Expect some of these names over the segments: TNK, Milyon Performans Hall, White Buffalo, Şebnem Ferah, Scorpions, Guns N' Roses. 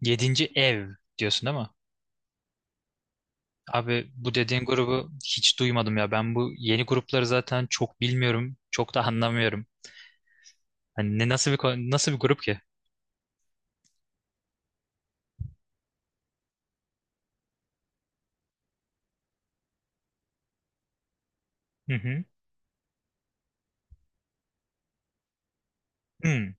Yedinci ev diyorsun değil mi? Abi bu dediğin grubu hiç duymadım ya. Ben bu yeni grupları zaten çok bilmiyorum. Çok da anlamıyorum. Hani ne nasıl bir grup ki? Hı hı. Hmm.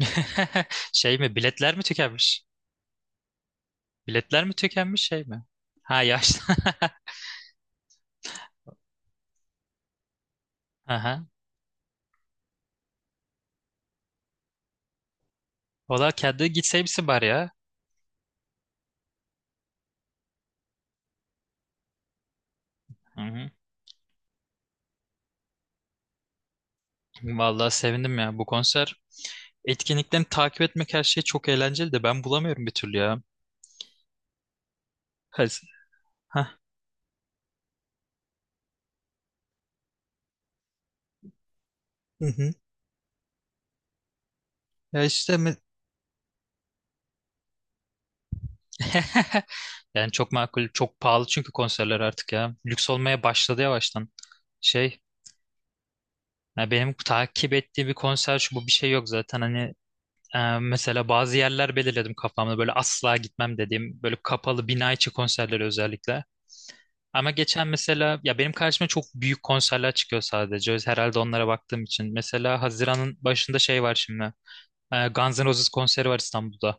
Şey mi? Biletler mi tükenmiş? Biletler mi tükenmiş şey mi? Ha yaşlı. Aha. Valla kendi gitseymişsin bari ya. Hı hı. Vallahi sevindim ya. Bu konser etkinliklerini takip etmek her şey çok eğlenceli de ben bulamıyorum bir türlü ya. Hadi. Ha. Hı hı. Ya işte. Yani çok makul, çok pahalı çünkü konserler artık ya. Lüks olmaya başladı yavaştan. Şey, ya benim takip ettiğim bir konser şu bu bir şey yok zaten. Hani mesela bazı yerler belirledim kafamda böyle asla gitmem dediğim böyle kapalı bina içi konserleri özellikle. Ama geçen mesela ya benim karşıma çok büyük konserler çıkıyor sadece. Herhalde onlara baktığım için. Mesela Haziran'ın başında şey var şimdi. Guns N' Roses konseri var İstanbul'da.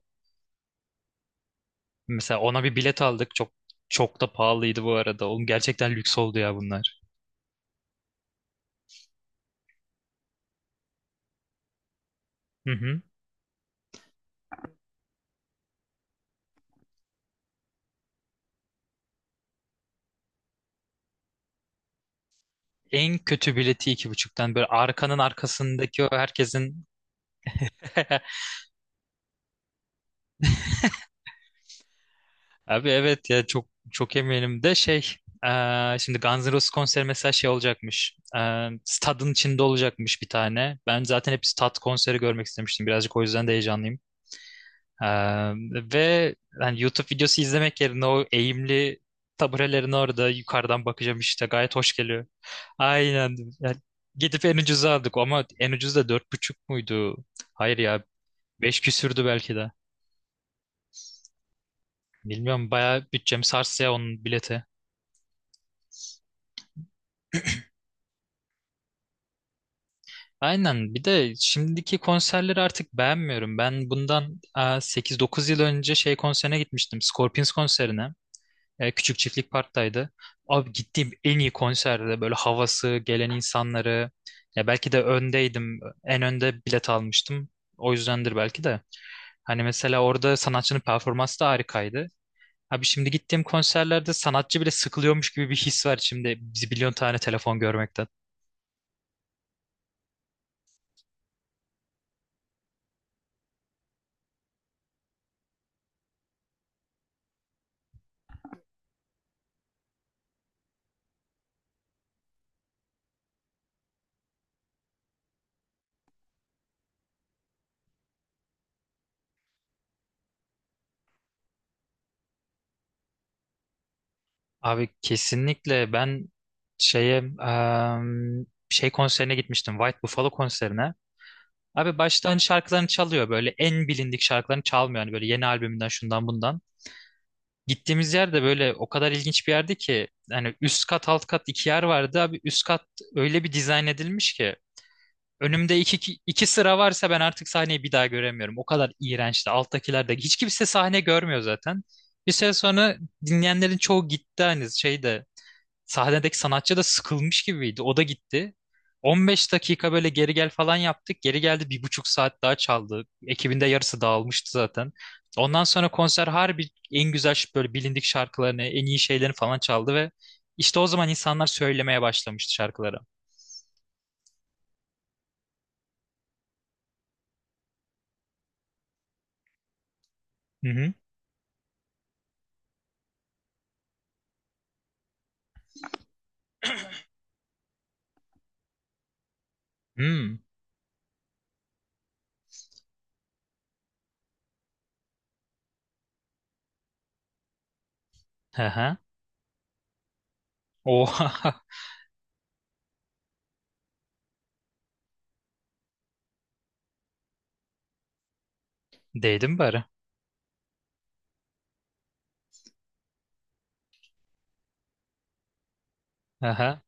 Mesela ona bir bilet aldık. Çok çok da pahalıydı bu arada. Oğlum gerçekten lüks oldu ya bunlar. Hı hı. En kötü bileti iki buçuktan böyle arkanın arkasındaki o herkesin. Abi evet ya çok çok eminim de şey şimdi Guns N' Roses konseri mesela şey olacakmış. Stadın içinde olacakmış bir tane. Ben zaten hep stad konseri görmek istemiştim birazcık, o yüzden de heyecanlıyım. Ee, ve yani YouTube videosu izlemek yerine o eğimli taburelerin orada yukarıdan bakacağım işte, gayet hoş geliyor. Aynen. Yani gidip en ucuza aldık ama en ucuz da dört buçuk muydu? Hayır ya, beş küsürdü belki de. Bilmiyorum, bayağı bütçemi sarstı ya onun bileti. Aynen, bir de şimdiki konserleri artık beğenmiyorum. Ben bundan sekiz dokuz yıl önce şey konserine gitmiştim. Scorpions konserine. Küçük çiftlik parktaydı. Abi gittiğim en iyi konserde böyle, havası, gelen insanları. Ya belki de öndeydim. En önde bilet almıştım. O yüzdendir belki de. Hani mesela orada sanatçının performansı da harikaydı. Abi şimdi gittiğim konserlerde sanatçı bile sıkılıyormuş gibi bir his var, şimdi biz milyon tane telefon görmekten. Abi kesinlikle ben şeye şey konserine gitmiştim. White Buffalo konserine. Abi baştan şarkılarını çalıyor, böyle en bilindik şarkılarını çalmıyor, hani böyle yeni albümünden şundan bundan. Gittiğimiz yer de böyle o kadar ilginç bir yerdi ki hani üst kat alt kat iki yer vardı. Abi üst kat öyle bir dizayn edilmiş ki önümde iki sıra varsa ben artık sahneyi bir daha göremiyorum. O kadar iğrençti, alttakiler de hiç kimse sahne görmüyor zaten. Bir süre sonra dinleyenlerin çoğu gitti, hani şeyde sahnedeki sanatçı da sıkılmış gibiydi. O da gitti. 15 dakika böyle geri gel falan yaptık. Geri geldi 1,5 saat daha çaldı. Ekibinde yarısı dağılmıştı zaten. Ondan sonra konser harbi en güzel böyle bilindik şarkılarını, en iyi şeylerini falan çaldı ve işte o zaman insanlar söylemeye başlamıştı şarkıları. Hı hı. Hmm. Aha. Oha. Değdim bari. Aha.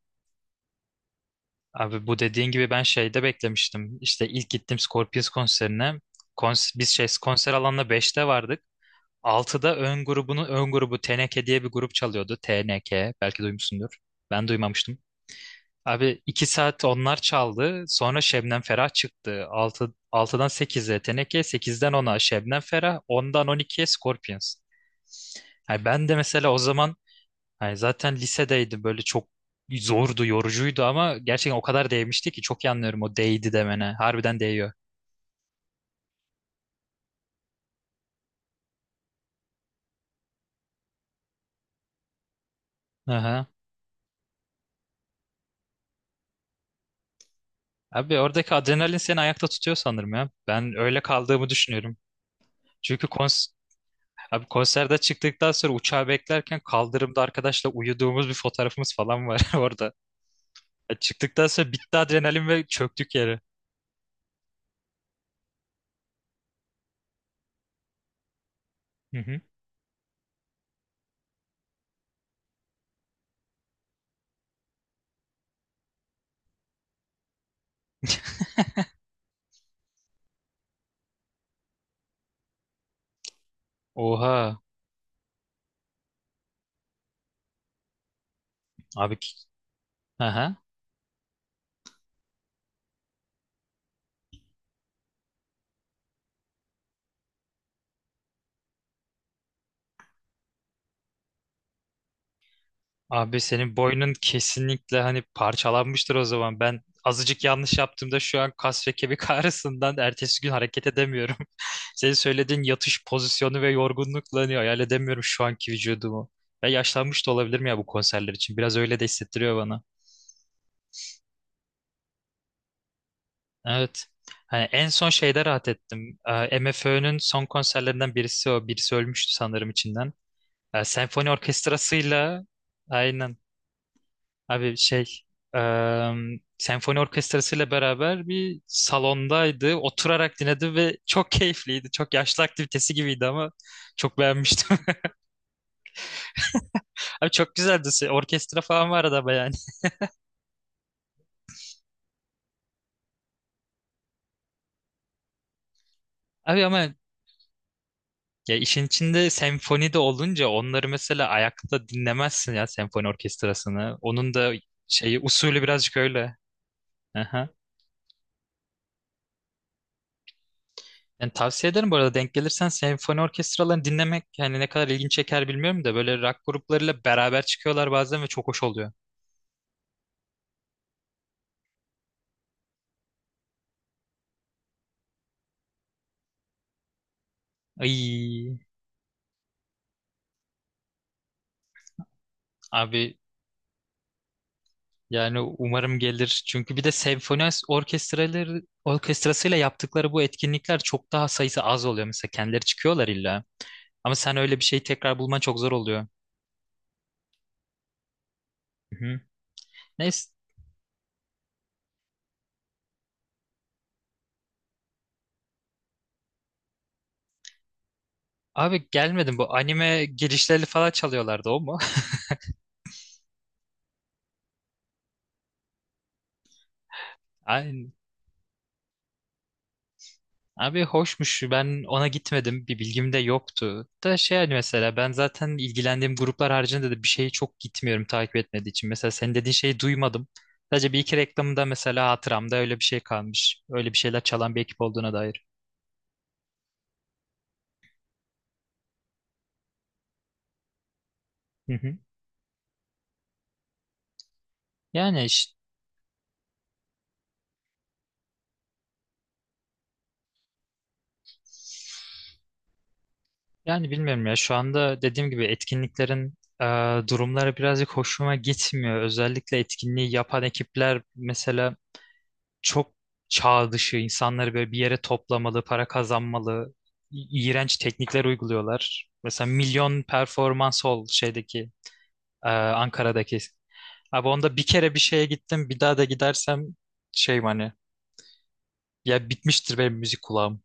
Abi bu dediğin gibi ben şeyde beklemiştim. İşte ilk gittim Scorpions konserine. Biz şey konser alanına 5'te vardık. 6'da ön grubu TNK diye bir grup çalıyordu. TNK belki duymuşsundur. Ben duymamıştım. Abi 2 saat onlar çaldı. Sonra Şebnem Ferah çıktı. 6'dan 8'e TNK, sekizden ona Şebnem Ferah, 10'dan 12'ye Scorpions. Yani ben de mesela o zaman, hani zaten lisedeydim, böyle çok zordu, yorucuydu ama gerçekten o kadar değmişti ki, çok iyi anlıyorum o değdi demene. Harbiden değiyor. Aha. Abi oradaki adrenalin seni ayakta tutuyor sanırım ya. Ben öyle kaldığımı düşünüyorum. Çünkü kons Abi konserde çıktıktan sonra uçağı beklerken kaldırımda arkadaşla uyuduğumuz bir fotoğrafımız falan var orada. Ya çıktıktan sonra bitti adrenalin ve çöktük yere. Hı hı. Oha. Abi, aha. Abi senin boynun kesinlikle hani parçalanmıştır o zaman. Ben azıcık yanlış yaptığımda şu an kas ve kemik ağrısından ertesi gün hareket edemiyorum. Senin söylediğin yatış pozisyonu ve yorgunlukla hani hayal edemiyorum şu anki vücudumu. Ya yaşlanmış da olabilirim ya bu konserler için. Biraz öyle de hissettiriyor bana. Evet. Hani en son şeyde rahat ettim. MFÖ'nün son konserlerinden birisi o. Birisi ölmüştü sanırım içinden. Senfoni orkestrasıyla aynen. Abi şey eee, senfoni orkestrasıyla beraber bir salondaydı. Oturarak dinledi ve çok keyifliydi. Çok yaşlı aktivitesi gibiydi ama çok beğenmiştim. Abi çok güzeldi. Orkestra falan vardı ama yani. Abi ama. Ya işin içinde senfoni de olunca onları mesela ayakta dinlemezsin ya, senfoni orkestrasını. Onun da şeyi usulü birazcık öyle. Aha. Yani tavsiye ederim bu arada, denk gelirsen senfoni orkestralarını dinlemek, yani ne kadar ilgin çeker bilmiyorum da böyle rock gruplarıyla beraber çıkıyorlar bazen ve çok hoş oluyor. Ay abi yani umarım gelir. Çünkü bir de senfoni orkestrasıyla yaptıkları bu etkinlikler çok daha sayısı az oluyor, mesela kendileri çıkıyorlar illa. Ama sen öyle bir şeyi tekrar bulman çok zor oluyor. Hı. Neyse. Abi gelmedim, bu anime girişleri falan çalıyorlardı o mu? Aynen. Abi hoşmuş, ben ona gitmedim, bir bilgim de yoktu. Da şey, hani mesela ben zaten ilgilendiğim gruplar haricinde de bir şeyi çok gitmiyorum takip etmediği için. Mesela senin dediğin şeyi duymadım. Sadece bir iki reklamında mesela hatıramda öyle bir şey kalmış. Öyle bir şeyler çalan bir ekip olduğuna dair. Hı hı. Yani bilmiyorum ya şu anda dediğim gibi etkinliklerin e, durumları birazcık hoşuma gitmiyor. Özellikle etkinliği yapan ekipler mesela çok çağ dışı insanları böyle bir yere toplamalı, para kazanmalı, iğrenç teknikler uyguluyorlar. Mesela Milyon Performans Hall şeydeki Ankara'daki. Abi onda bir kere bir şeye gittim. Bir daha da gidersem şey, hani ya bitmiştir benim müzik kulağım.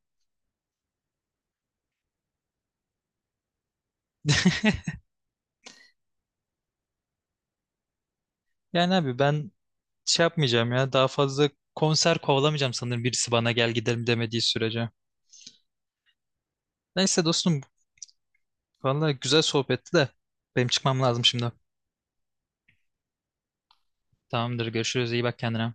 Yani abi ben şey yapmayacağım ya, daha fazla konser kovalamayacağım sanırım, birisi bana gel gidelim demediği sürece. Neyse dostum, vallahi güzel sohbetti de benim çıkmam lazım şimdi. Tamamdır, görüşürüz, iyi bak kendine.